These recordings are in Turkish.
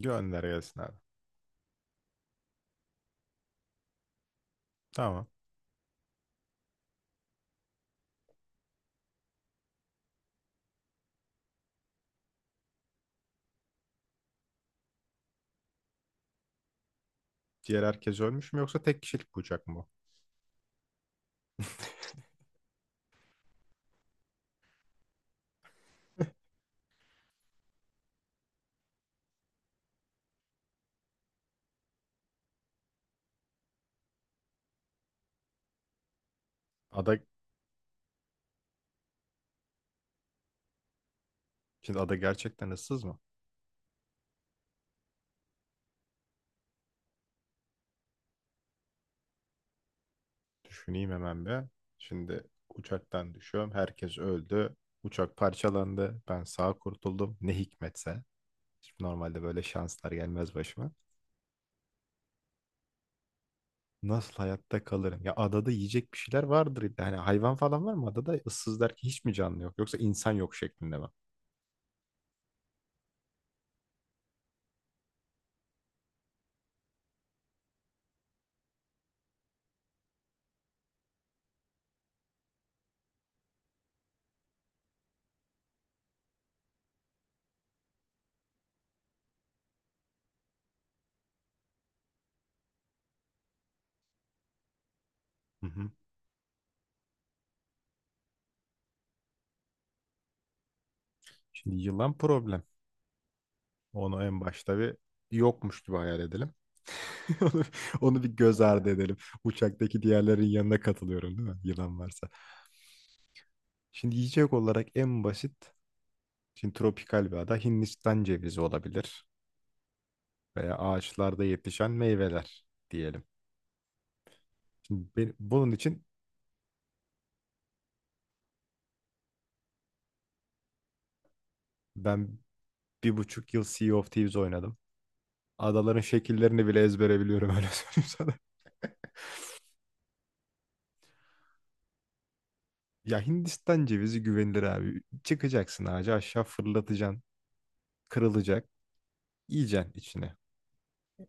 Gönder gelsin abi. Tamam. Diğer herkes ölmüş mü yoksa tek kişilik bir uçak mı bu? Ada, şimdi ada gerçekten ıssız mı? Düşüneyim hemen bir. Şimdi uçaktan düşüyorum. Herkes öldü. Uçak parçalandı. Ben sağ kurtuldum. Ne hikmetse. Şimdi normalde böyle şanslar gelmez başıma. Nasıl hayatta kalırım? Ya adada yiyecek bir şeyler vardır illa. Hani hayvan falan var mı adada? Issız derken hiç mi canlı yok? Yoksa insan yok şeklinde mi? Hı hı. Şimdi yılan problem. Onu en başta bir yokmuş gibi hayal edelim. Onu, onu bir göz ardı edelim. Uçaktaki diğerlerin yanına katılıyorum değil mi? Yılan varsa. Şimdi yiyecek olarak en basit, şimdi tropikal bir ada Hindistan cevizi olabilir veya ağaçlarda yetişen meyveler diyelim. Şimdi bunun için ben 1,5 yıl Sea of Thieves oynadım. Adaların şekillerini bile ezbere biliyorum öyle söyleyeyim sana. Ya Hindistan cevizi güvenilir abi. Çıkacaksın ağaca aşağı fırlatacaksın. Kırılacak. Yiyeceksin içine.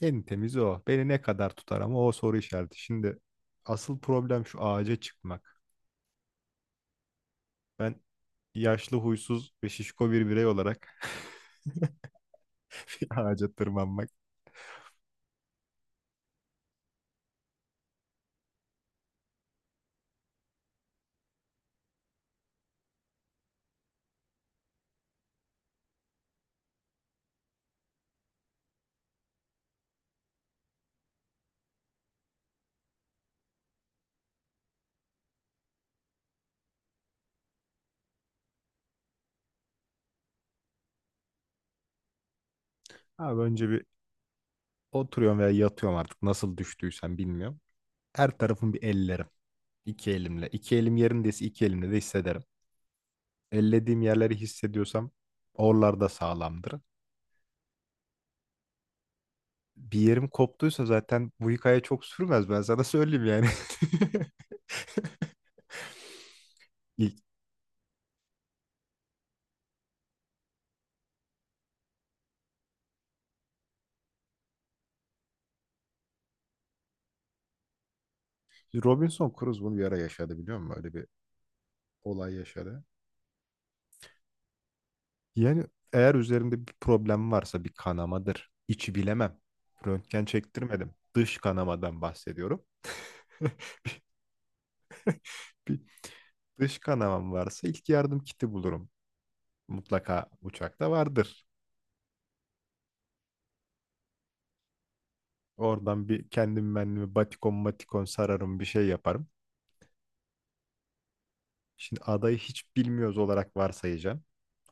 En temiz o. Beni ne kadar tutar ama o soru işareti. Şimdi asıl problem şu ağaca çıkmak. Ben yaşlı, huysuz ve şişko bir birey olarak bir ağaca tırmanmak. Abi önce bir oturuyorum veya yatıyorum artık nasıl düştüysem bilmiyorum. Her tarafım bir ellerim. İki elimle. İki elim yerindeyse iki elimle de hissederim. Ellediğim yerleri hissediyorsam oralarda sağlamdır. Bir yerim koptuysa zaten bu hikaye çok sürmez ben sana söyleyeyim yani. İlk Robinson Crusoe bunu bir ara yaşadı biliyor musun? Öyle bir olay yaşadı. Yani eğer üzerinde bir problem varsa bir kanamadır. İçi bilemem. Röntgen çektirmedim. Dış kanamadan bahsediyorum. Bir dış kanamam varsa ilk yardım kiti bulurum. Mutlaka uçakta vardır. Oradan bir kendim benliğime batikon matikon sararım bir şey yaparım. Şimdi adayı hiç bilmiyoruz olarak varsayacağım.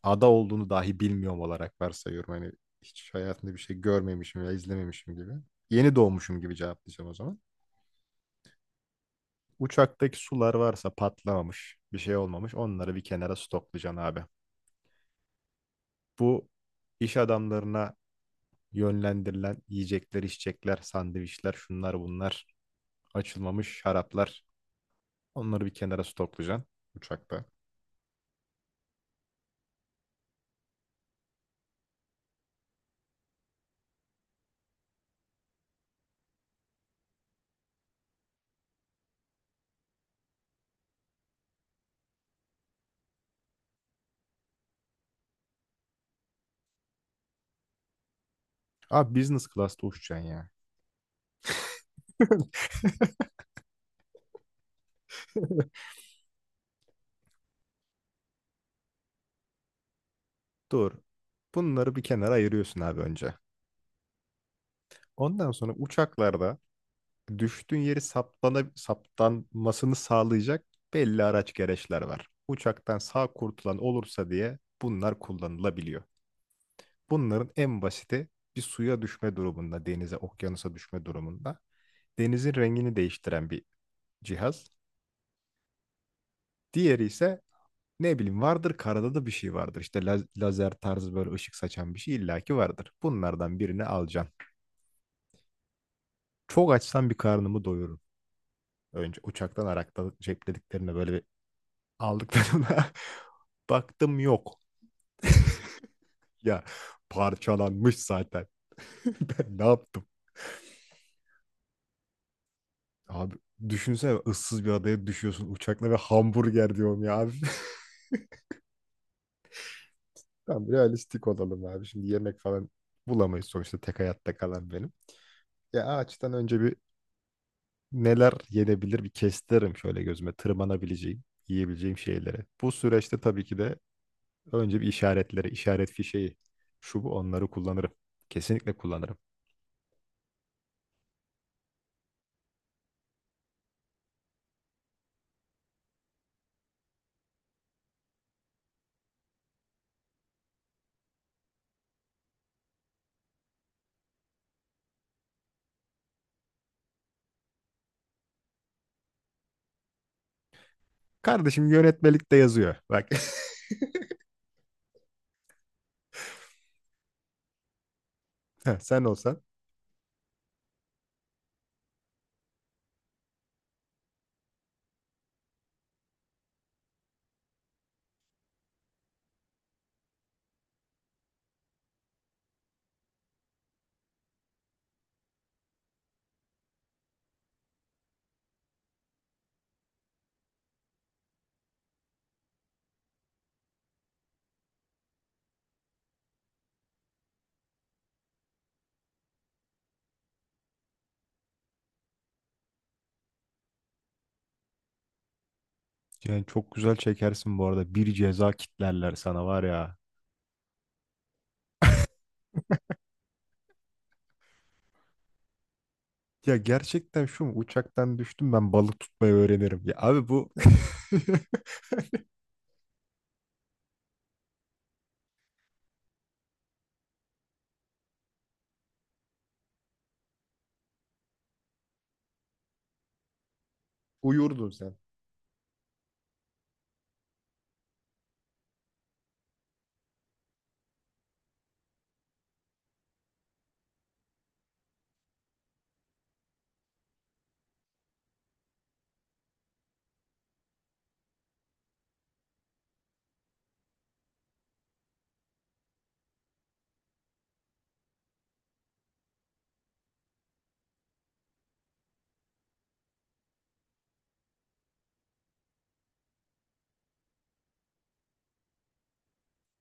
Ada olduğunu dahi bilmiyorum olarak varsayıyorum. Hani hiç hayatımda bir şey görmemişim ya izlememişim gibi. Yeni doğmuşum gibi cevaplayacağım o zaman. Uçaktaki sular varsa patlamamış, bir şey olmamış. Onları bir kenara stoklayacaksın abi. Bu iş adamlarına yönlendirilen yiyecekler, içecekler, sandviçler, şunlar bunlar, açılmamış şaraplar. Onları bir kenara stoklayacaksın uçakta. Abi business class'ta uçacaksın ya. Doğru. Bunları bir kenara ayırıyorsun abi önce. Ondan sonra uçaklarda düştüğün yeri saptanmasını sağlayacak belli araç gereçler var. Uçaktan sağ kurtulan olursa diye bunlar kullanılabiliyor. Bunların en basiti bir suya düşme durumunda, denize, okyanusa düşme durumunda denizin rengini değiştiren bir cihaz. Diğeri ise ne bileyim vardır karada da bir şey vardır. İşte lazer tarzı böyle ışık saçan bir şey illaki vardır. Bunlardan birini alacaksın. Çok açsam bir karnımı doyururum. Önce uçaktan Arak'ta ceplediklerine böyle bir aldıklarına baktım yok. Ya parçalanmış zaten. Ben ne yaptım? Abi düşünsene ıssız bir adaya düşüyorsun uçakla ve hamburger diyorum ya abi. Tamam realistik olalım abi. Şimdi yemek falan bulamayız sonuçta tek hayatta kalan benim. Ya ağaçtan önce bir neler yenebilir bir kestirim şöyle gözüme tırmanabileceğim, yiyebileceğim şeyleri. Bu süreçte tabii ki de önce bir işaretleri, işaret fişeği, şu bu onları kullanırım. Kesinlikle kullanırım. Kardeşim yönetmelikte yazıyor. Bak. Heh, sen olsan. Yani çok güzel çekersin bu arada. Bir ceza kitlerler sana var ya. Ya gerçekten şu mu? Uçaktan düştüm ben balık tutmayı öğrenirim. Ya abi bu uyurdun sen.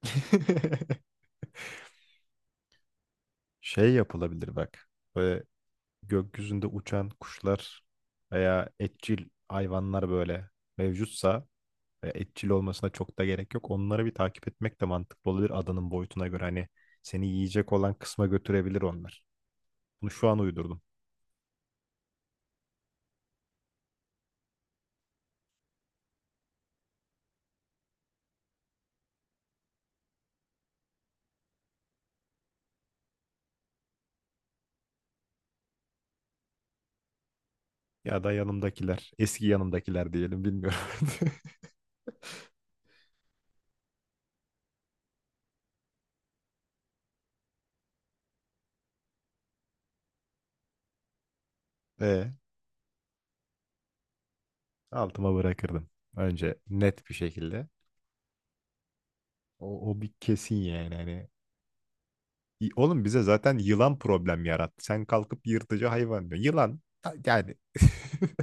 Şey yapılabilir bak. Böyle gökyüzünde uçan kuşlar veya etçil hayvanlar böyle mevcutsa ve etçil olmasına çok da gerek yok. Onları bir takip etmek de mantıklı olabilir adanın boyutuna göre. Hani seni yiyecek olan kısma götürebilir onlar. Bunu şu an uydurdum. Ya da yanımdakiler, eski yanımdakiler diyelim bilmiyorum. E, altıma bırakırdım. Önce net bir şekilde. O, o bir kesin yani hani oğlum bize zaten yılan problem yarattı. Sen kalkıp yırtıcı hayvan diyorsun. Yani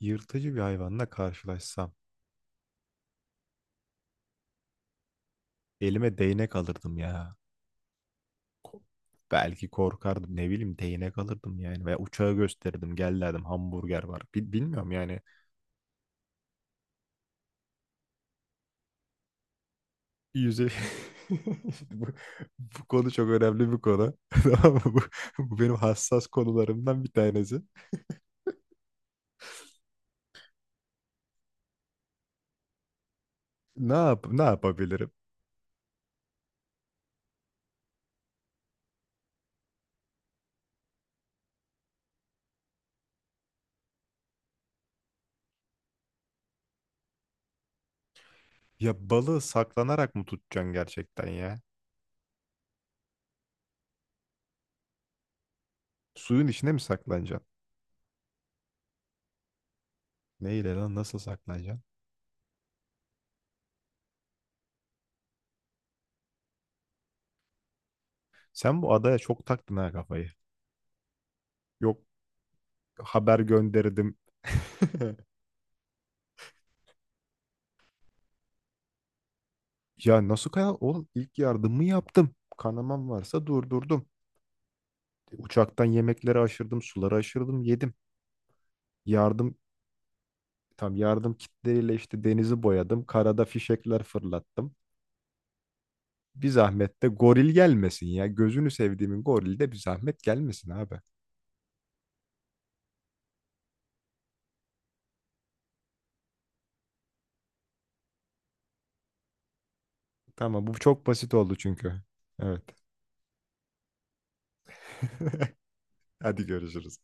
yırtıcı bir hayvanla karşılaşsam elime değnek alırdım ya. Belki korkardım ne bileyim değnek alırdım yani. Veya uçağı gösterirdim gel derdim hamburger var. Bilmiyorum yani. Yüze... bu, bu konu çok önemli bir konu. Tamam mı? Bu benim hassas konularımdan bir tanesi. Ne yapabilirim? Ya balığı saklanarak mı tutacaksın gerçekten ya? Suyun içine mi saklanacaksın? Neyle lan nasıl saklanacaksın? Sen bu adaya çok taktın ha kafayı. Yok, haber gönderdim. Ya nasıl kaya? Oğlum ilk yardımımı yaptım. Kanamam varsa durdurdum. Uçaktan yemekleri aşırdım, suları aşırdım, yedim. Yardım tam yardım kitleriyle işte denizi boyadım. Karada fişekler fırlattım. Bir zahmet de goril gelmesin ya. Gözünü sevdiğimin gorili de bir zahmet gelmesin abi. Tamam bu çok basit oldu çünkü. Evet. Hadi görüşürüz.